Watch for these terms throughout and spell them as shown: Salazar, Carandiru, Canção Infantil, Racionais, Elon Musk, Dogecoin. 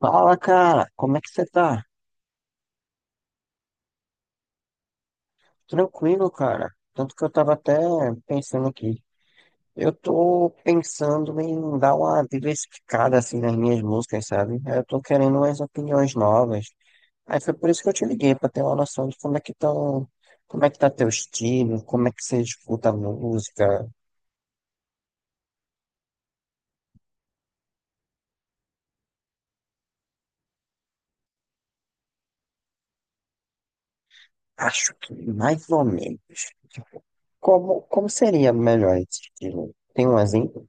Fala, cara, como é que você tá? Tranquilo, cara. Tanto que eu tava até pensando aqui. Eu tô pensando em dar uma diversificada assim nas minhas músicas, sabe? Eu tô querendo umas opiniões novas. Aí foi por isso que eu te liguei, pra ter uma noção de como é que tão, como é que tá teu estilo, como é que você escuta a música. Acho que mais ou menos. Como seria melhor esse estilo? Tem um exemplo?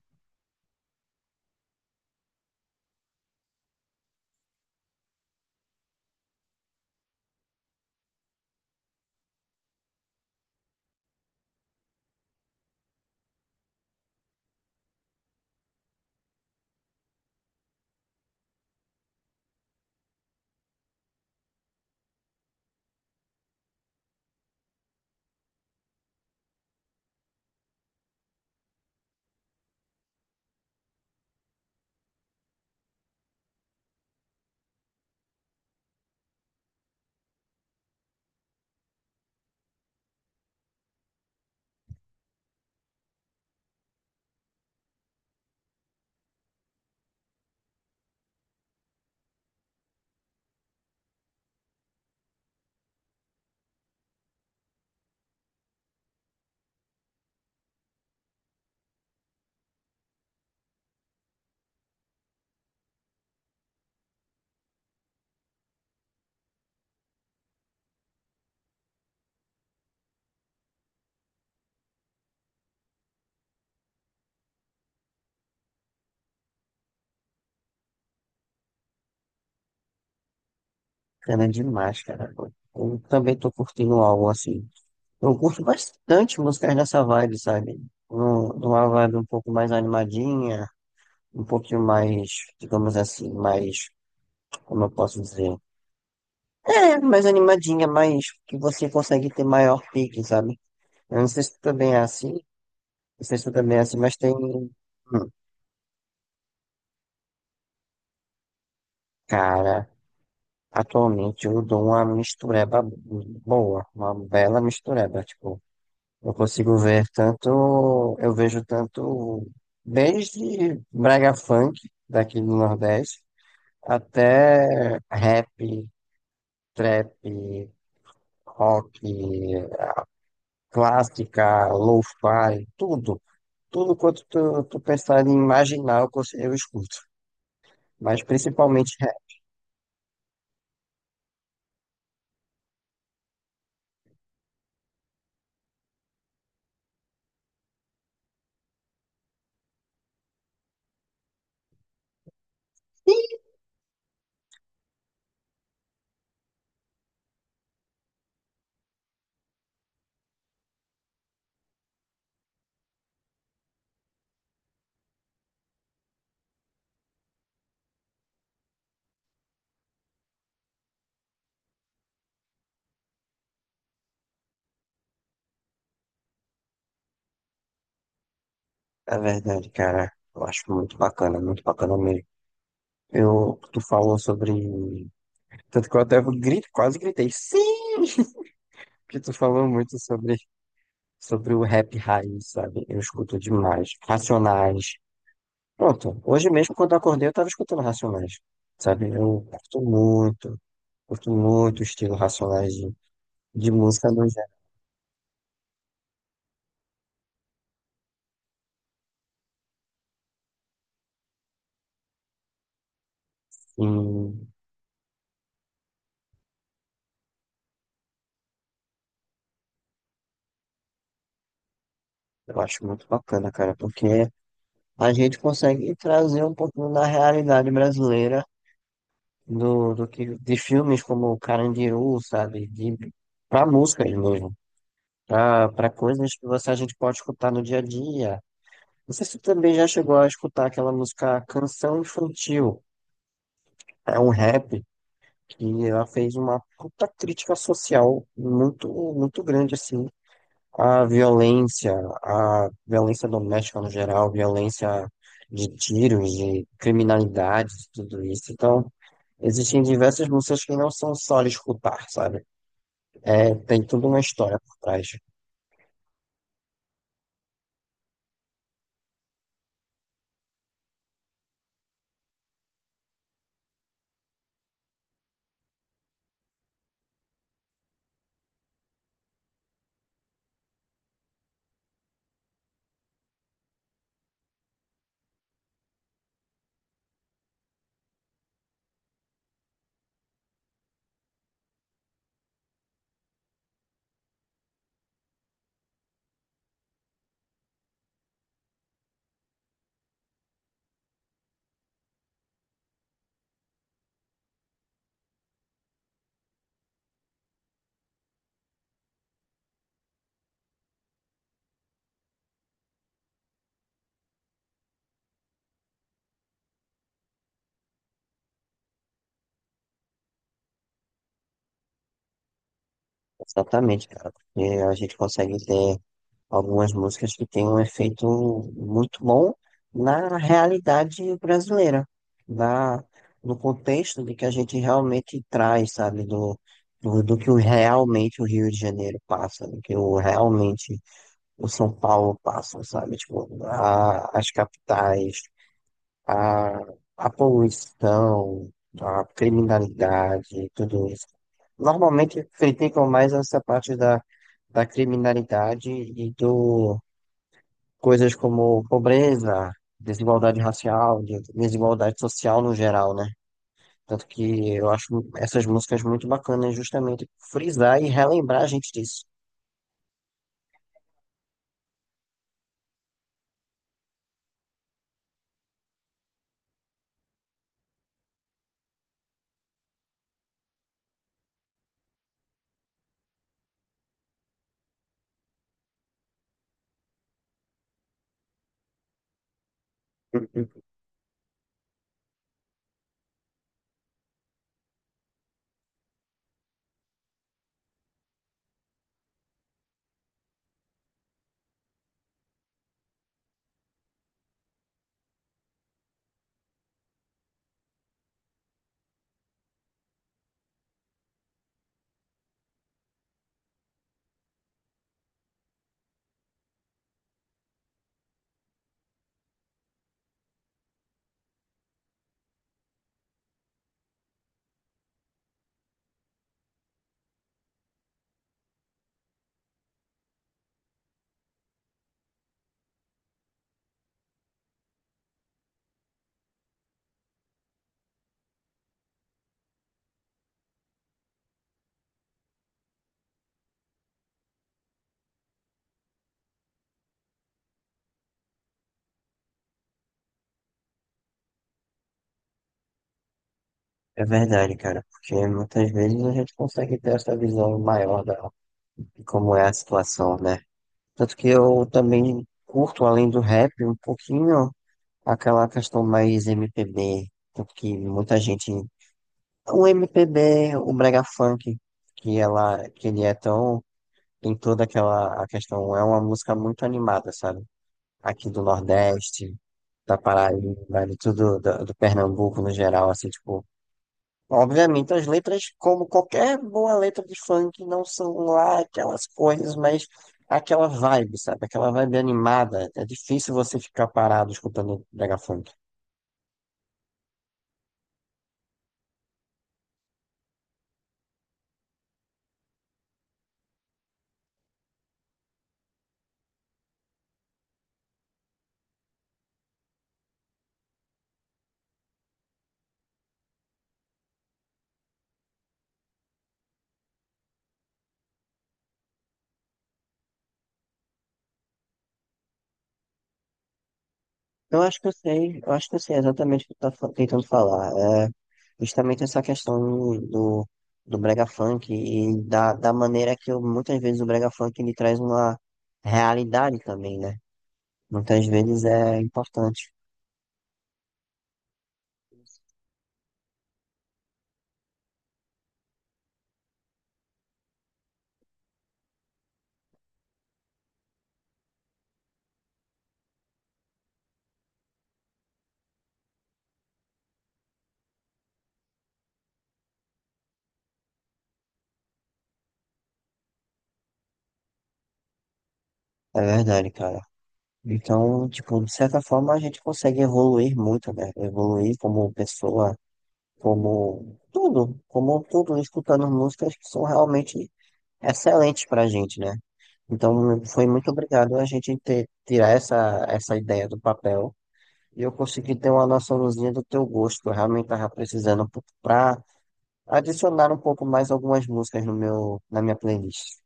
Cana demais, cara. Eu também tô curtindo algo assim. Eu curto bastante músicas dessa vibe, sabe? De uma vibe um pouco mais animadinha, um pouquinho mais, digamos assim, mais, como eu posso dizer? É, mais animadinha, mais que você consegue ter maior pique, sabe? Eu não sei se tu também é assim, não sei se tu também é assim, mas tem. Cara, atualmente eu dou uma mistureba boa, uma bela mistureba, tipo. Eu consigo ver tanto, eu vejo tanto desde brega funk daqui do Nordeste até rap, trap, rock, clássica, lo-fi, tudo. Tudo quanto tu pensar em imaginar, eu escuto. Mas principalmente rap. É verdade, cara. Eu acho muito bacana mesmo. Eu, tu falou sobre. Tanto que eu até grito, quase gritei. Sim! Porque tu falou muito sobre o rap raiz, sabe? Eu escuto demais. Racionais. Pronto, hoje mesmo quando eu acordei eu tava escutando Racionais, sabe? Eu curto muito o estilo Racionais de música do Zé. Assim, eu acho muito bacana, cara, porque a gente consegue trazer um pouquinho da realidade brasileira de filmes como Carandiru, sabe? De, pra músicas mesmo. Pra coisas que você, a gente pode escutar no dia a dia. Não sei se você também já chegou a escutar aquela música Canção Infantil. É um rap que ela fez uma puta crítica social muito, muito grande, assim, a violência, a violência doméstica no geral, violência de tiros, de criminalidade, de tudo isso. Então, existem diversas músicas que não são só de escutar, sabe? É, tem toda uma história por trás. Exatamente, cara. Porque a gente consegue ter algumas músicas que têm um efeito muito bom na realidade brasileira, na, no contexto de que a gente realmente traz, sabe, do que o- realmente o Rio de Janeiro passa, do que o, realmente o São Paulo passa, sabe, tipo, a- as capitais, a, a poluição, a criminalidade, tudo isso. Normalmente criticam mais essa parte da criminalidade e do, coisas como pobreza, desigualdade racial, desigualdade social no geral, né? Tanto que eu acho essas músicas muito bacanas justamente por frisar e relembrar a gente disso. Uhum. É verdade, cara, porque muitas vezes a gente consegue ter essa visão maior da, de como é a situação, né? Tanto que eu também curto, além do rap, um pouquinho aquela questão mais MPB, tanto que muita gente... O MPB, o brega funk, que ela, que ele é tão tem toda aquela a questão. É uma música muito animada, sabe? Aqui do Nordeste, da Paraíba, né, de tudo, do, do Pernambuco no geral, assim, tipo. Obviamente, as letras, como qualquer boa letra de funk, não são lá aquelas coisas, mas aquela vibe, sabe? Aquela vibe animada. É difícil você ficar parado escutando brega funk. Eu acho que eu sei, eu acho que eu sei exatamente o que tu tá tentando falar. Justamente essa questão do, do brega funk e da, da maneira que eu, muitas vezes o brega funk ele traz uma realidade também, né? Muitas vezes é importante, é verdade, cara. Então, tipo, de certa forma a gente consegue evoluir muito, né? Evoluir como pessoa, como tudo, escutando músicas que são realmente excelentes pra gente, né? Então, foi muito obrigado a gente ter, tirar essa, essa ideia do papel. E eu consegui ter uma noçãozinha do teu gosto, que eu realmente tava precisando um pouco pra adicionar um pouco mais algumas músicas no meu, na minha playlist.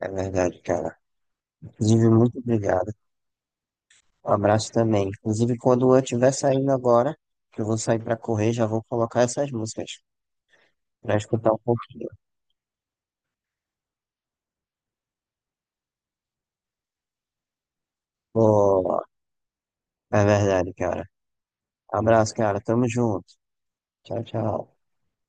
É verdade, cara. Inclusive, muito obrigado. Um abraço também. Inclusive, quando eu estiver saindo agora, que eu vou sair pra correr, já vou colocar essas músicas pra escutar um pouquinho. Pô, é verdade, cara. Abraço, cara. Tamo junto. Tchau, tchau.